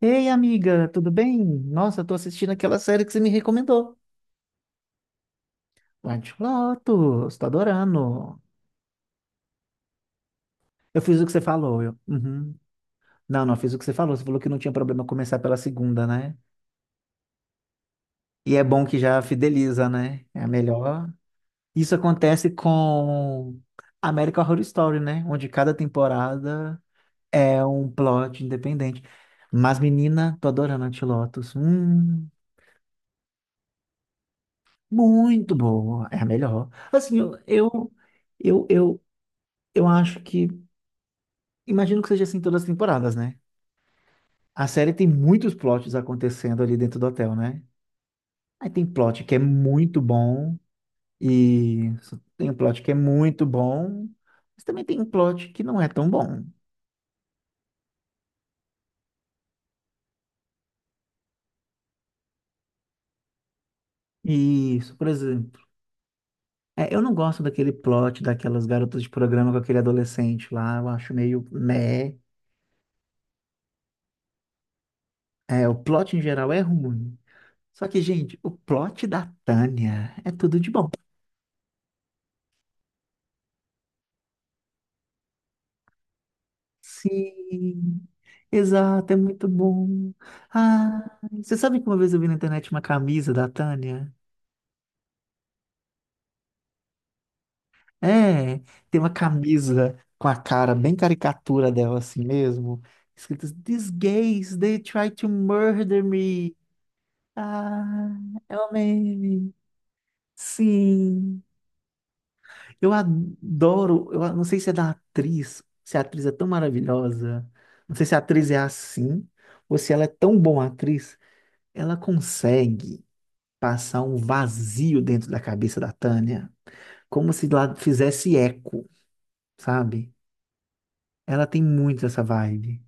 Ei, amiga, tudo bem? Nossa, eu tô assistindo aquela série que você me recomendou. White Lotus, tô adorando. Eu fiz o que você falou. Uhum. Não, não, fiz o que você falou. Você falou que não tinha problema começar pela segunda, né? E é bom que já fideliza, né? É a melhor. Isso acontece com American Horror Story, né? Onde cada temporada é um plot independente. Mas, menina, tô adorando White Lotus. Muito boa. É a melhor. Assim, eu, eu, Eu acho que. Imagino que seja assim todas as temporadas, né? A série tem muitos plots acontecendo ali dentro do hotel, né? Aí tem plot que é muito bom, e tem um plot que é muito bom, mas também tem um plot que não é tão bom. Isso, por exemplo. É, eu não gosto daquele plot daquelas garotas de programa com aquele adolescente lá, eu acho meio meh. É, o plot em geral é ruim. Só que, gente, o plot da Tânia é tudo de bom. Sim, exato, é muito bom. Ah, você sabe que uma vez eu vi na internet uma camisa da Tânia? É, tem uma camisa com a cara bem caricatura dela assim mesmo, escritas These gays, they try to murder me. Ah, é o meme. Sim, eu adoro, eu não sei se é da atriz, se a atriz é tão maravilhosa, não sei se a atriz é assim, ou se ela é tão boa atriz, ela consegue passar um vazio dentro da cabeça da Tânia, como se lá fizesse eco, sabe? Ela tem muito essa vibe,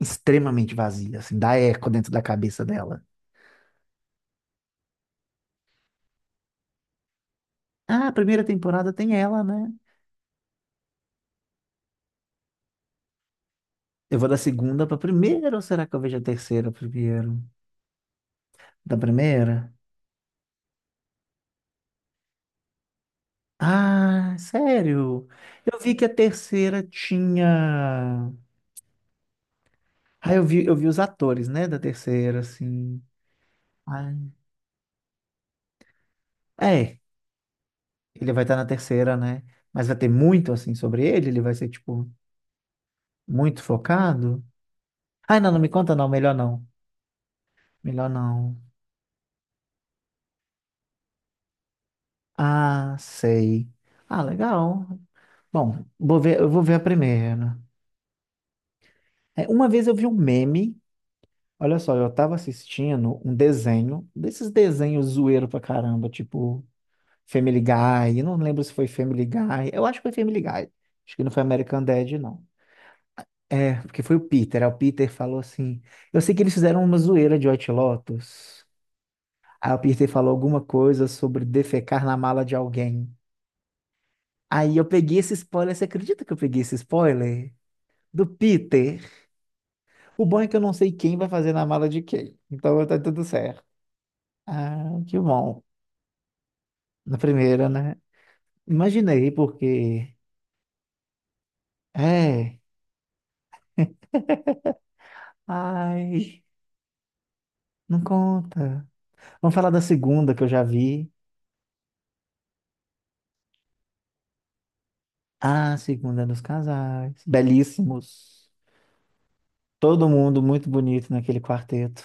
extremamente vazia, assim, dá eco dentro da cabeça dela. Ah, a primeira temporada tem ela, né? Eu vou da segunda pra primeira, ou será que eu vejo a terceira primeiro? Da primeira? Ah, sério? Eu vi que a terceira tinha. Ah, eu vi os atores, né, da terceira, assim. Ai. É, ele vai estar na terceira, né? Mas vai ter muito assim sobre ele? Ele vai ser, tipo, muito focado? Ai, não, não me conta, não. Melhor não. Melhor não. Ah, sei. Ah, legal. Bom, vou ver, eu vou ver a primeira. É, uma vez eu vi um meme. Olha só, eu tava assistindo um desenho, desses desenhos zoeiro pra caramba, tipo Family Guy. Eu não lembro se foi Family Guy. Eu acho que foi Family Guy. Acho que não foi American Dad, não. É, porque foi o Peter. Aí o Peter falou assim: eu sei que eles fizeram uma zoeira de White Lotus. Aí o Peter falou alguma coisa sobre defecar na mala de alguém. Aí eu peguei esse spoiler. Você acredita que eu peguei esse spoiler? Do Peter. O bom é que eu não sei quem vai fazer na mala de quem. Então tá tudo certo. Ah, que bom. Na primeira, né? Imaginei, porque. É. Ai, não conta. Vamos falar da segunda que eu já vi. Ah, a segunda nos casais. Belíssimos. Todo mundo muito bonito naquele quarteto.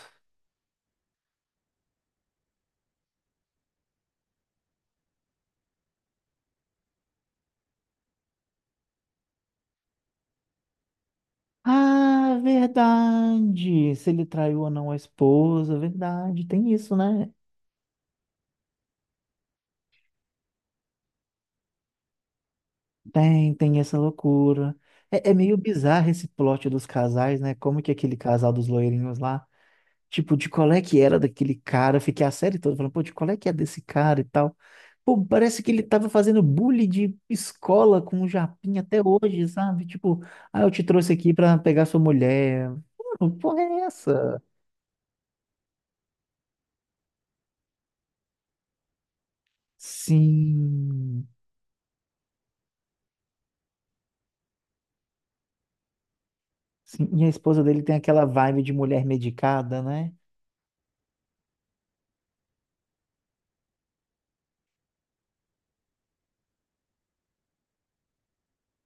Ah, verdade! Se ele traiu ou não a esposa, verdade. Tem isso, né? Tem, tem essa loucura. É, é meio bizarro esse plot dos casais, né? Como que aquele casal dos loirinhos lá, tipo, de qual é que era daquele cara? Eu fiquei a série toda falando, pô, de qual é que é desse cara e tal. Pô, parece que ele tava fazendo bullying de escola com o Japinha até hoje, sabe? Tipo, ah, eu te trouxe aqui pra pegar sua mulher. Pô, que porra é essa? Sim, sim. E a esposa dele tem aquela vibe de mulher medicada, né?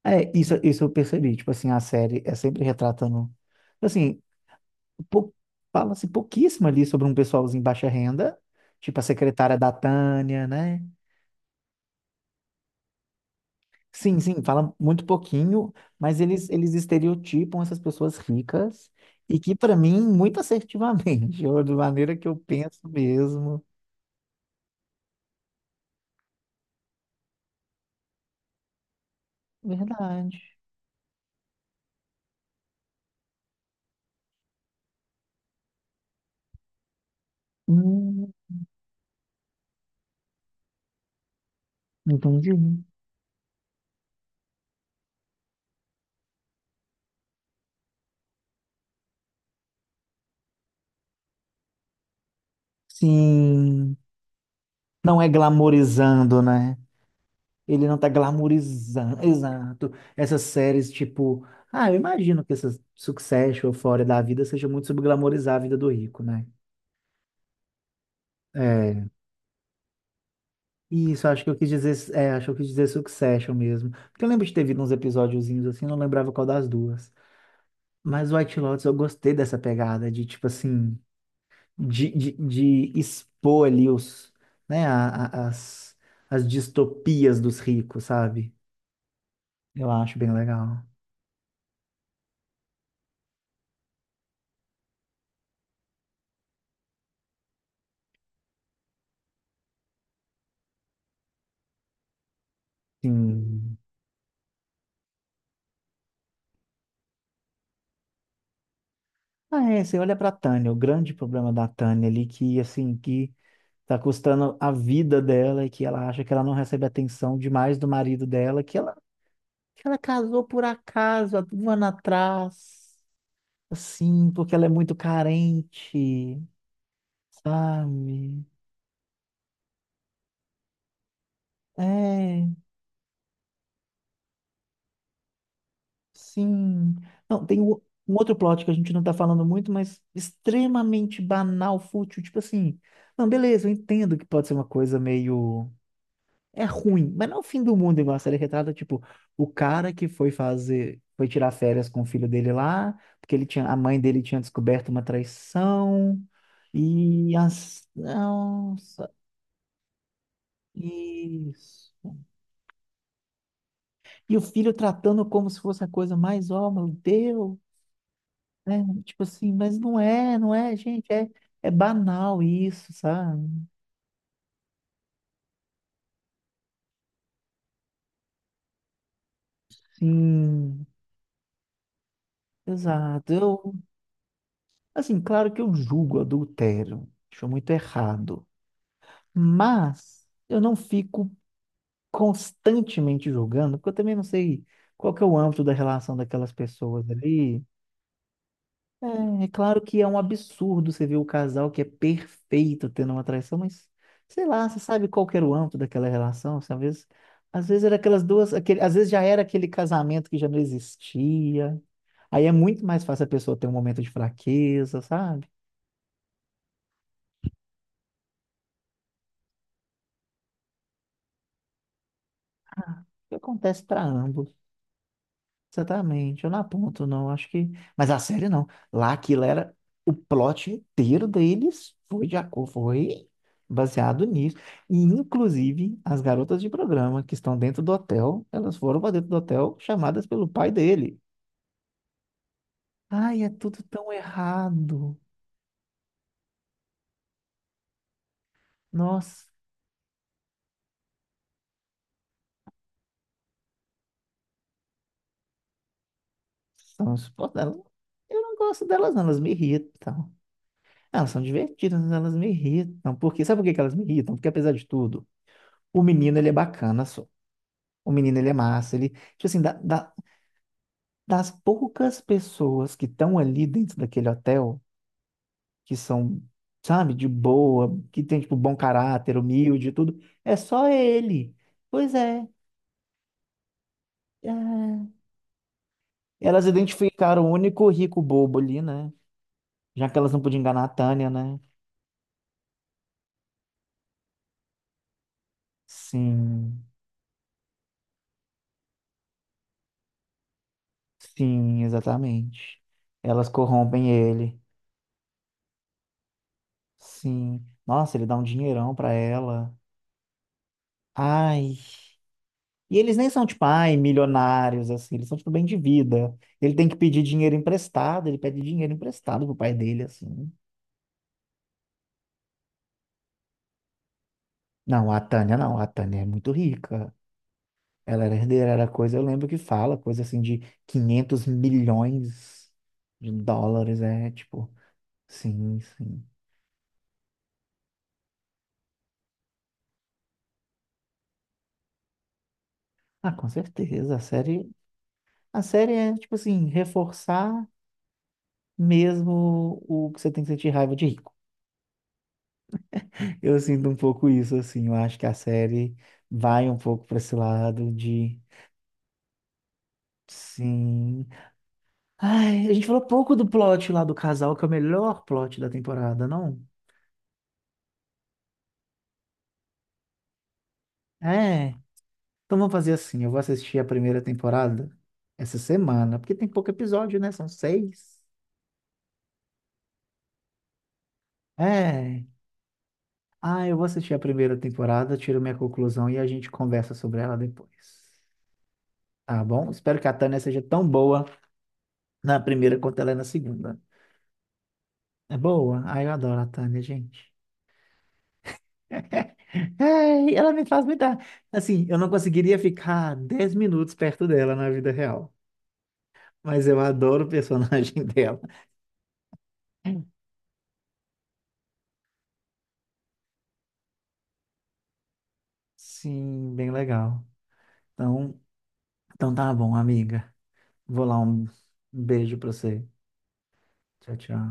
É, isso eu percebi. Tipo assim, a série é sempre retratando. Assim, pou- fala-se pouquíssimo ali sobre um pessoalzinho baixa renda, tipo a secretária da Tânia, né? Sim, sim, fala muito pouquinho, mas eles estereotipam essas pessoas ricas e que, para mim, muito assertivamente, ou de maneira que eu penso mesmo. Verdade. Hum, entendi. Sim. Não é glamorizando, né? Ele não tá glamorizando. Exato. Essas séries, tipo. Ah, eu imagino que essas Succession, Euphoria da vida seja muito sobre glamorizar a vida do rico, né? É. Isso, acho que eu quis dizer. É, acho que eu quis dizer Succession mesmo. Porque eu lembro de ter visto uns episódiozinhos assim, não lembrava qual das duas. Mas White Lotus, eu gostei dessa pegada de, tipo assim. De expor ali os. Né, as distopias dos ricos, sabe? Eu acho bem legal. Sim. Ah, é, você olha pra Tânia, o grande problema da Tânia ali, que assim, que tá custando a vida dela e que ela acha que ela não recebe atenção demais do marido dela, que ela casou por acaso, há um ano atrás, assim, porque ela é muito carente, sabe? É, sim. Não, tem um outro plot que a gente não tá falando muito, mas extremamente banal, fútil, tipo assim, não, beleza, eu entendo que pode ser uma coisa meio é ruim, mas não é o fim do mundo igual a série retrata, tipo, o cara que foi fazer, foi tirar férias com o filho dele lá, porque ele tinha, a mãe dele tinha descoberto uma traição, e as, nossa, isso. E o filho tratando como se fosse a coisa mais, ó, meu Deus, né? Tipo assim, mas não é, não é, gente, é, é banal isso, sabe? Sim, exato. Eu, assim, claro que eu julgo adultério, acho muito errado. Mas eu não fico constantemente julgando, porque eu também não sei qual que é o âmbito da relação daquelas pessoas ali. É, é claro que é um absurdo você ver o casal que é perfeito tendo uma traição, mas sei lá, você sabe qual que era o âmbito daquela relação, assim, às vezes era aquelas duas, aquele, às vezes já era aquele casamento que já não existia. Aí é muito mais fácil a pessoa ter um momento de fraqueza, sabe? Acontece para ambos. Exatamente, eu não aponto, não, acho que. Mas a série não. Lá aquilo era. O plot inteiro deles foi de acordo, foi baseado nisso. E, inclusive, as garotas de programa que estão dentro do hotel, elas foram para dentro do hotel chamadas pelo pai dele. Ai, é tudo tão errado. Nossa, são insuportáveis. Eu não gosto delas, não, elas me irritam. Ah, elas são divertidas, mas elas me irritam. Porque, sabe por que que elas me irritam? Porque, apesar de tudo, o menino ele é bacana. O menino, ele é massa. Ele, tipo assim, das poucas pessoas que estão ali dentro daquele hotel, que são, sabe, de boa, que tem, tipo, bom caráter, humilde e tudo, é só ele. Pois é. Elas identificaram o único rico bobo ali, né? Já que elas não podiam enganar a Tânia, né? Sim, sim, exatamente. Elas corrompem ele. Sim. Nossa, ele dá um dinheirão pra ela. Ai. E eles nem são, tipo, ai, milionários, assim, eles são, tipo, bem de vida. Ele tem que pedir dinheiro emprestado, ele pede dinheiro emprestado pro pai dele, assim. Não, a Tânia não, a Tânia é muito rica. Ela era herdeira, era coisa, eu lembro que fala, coisa assim de 500 milhões de dólares, é, tipo, sim, sim. Ah, com certeza, a série é, tipo assim, reforçar mesmo o que você tem que sentir raiva de rico. Eu sinto um pouco isso, assim. Eu acho que a série vai um pouco para esse lado de. Sim. Ai, a gente falou pouco do plot lá do casal, que é o melhor plot da temporada, não? É. Então vamos fazer assim: eu vou assistir a primeira temporada essa semana, porque tem pouco episódio, né? São seis. É. Ah, eu vou assistir a primeira temporada, tiro minha conclusão e a gente conversa sobre ela depois. Tá bom? Espero que a Tânia seja tão boa na primeira quanto ela é na segunda. É boa. Ai, eu adoro a Tânia, gente. Ai, ela me faz me dar. Assim, eu não conseguiria ficar 10 minutos perto dela na vida real. Mas eu adoro o personagem dela. Sim, bem legal. Então, tá bom, amiga. Vou lá um beijo pra você. Tchau, tchau.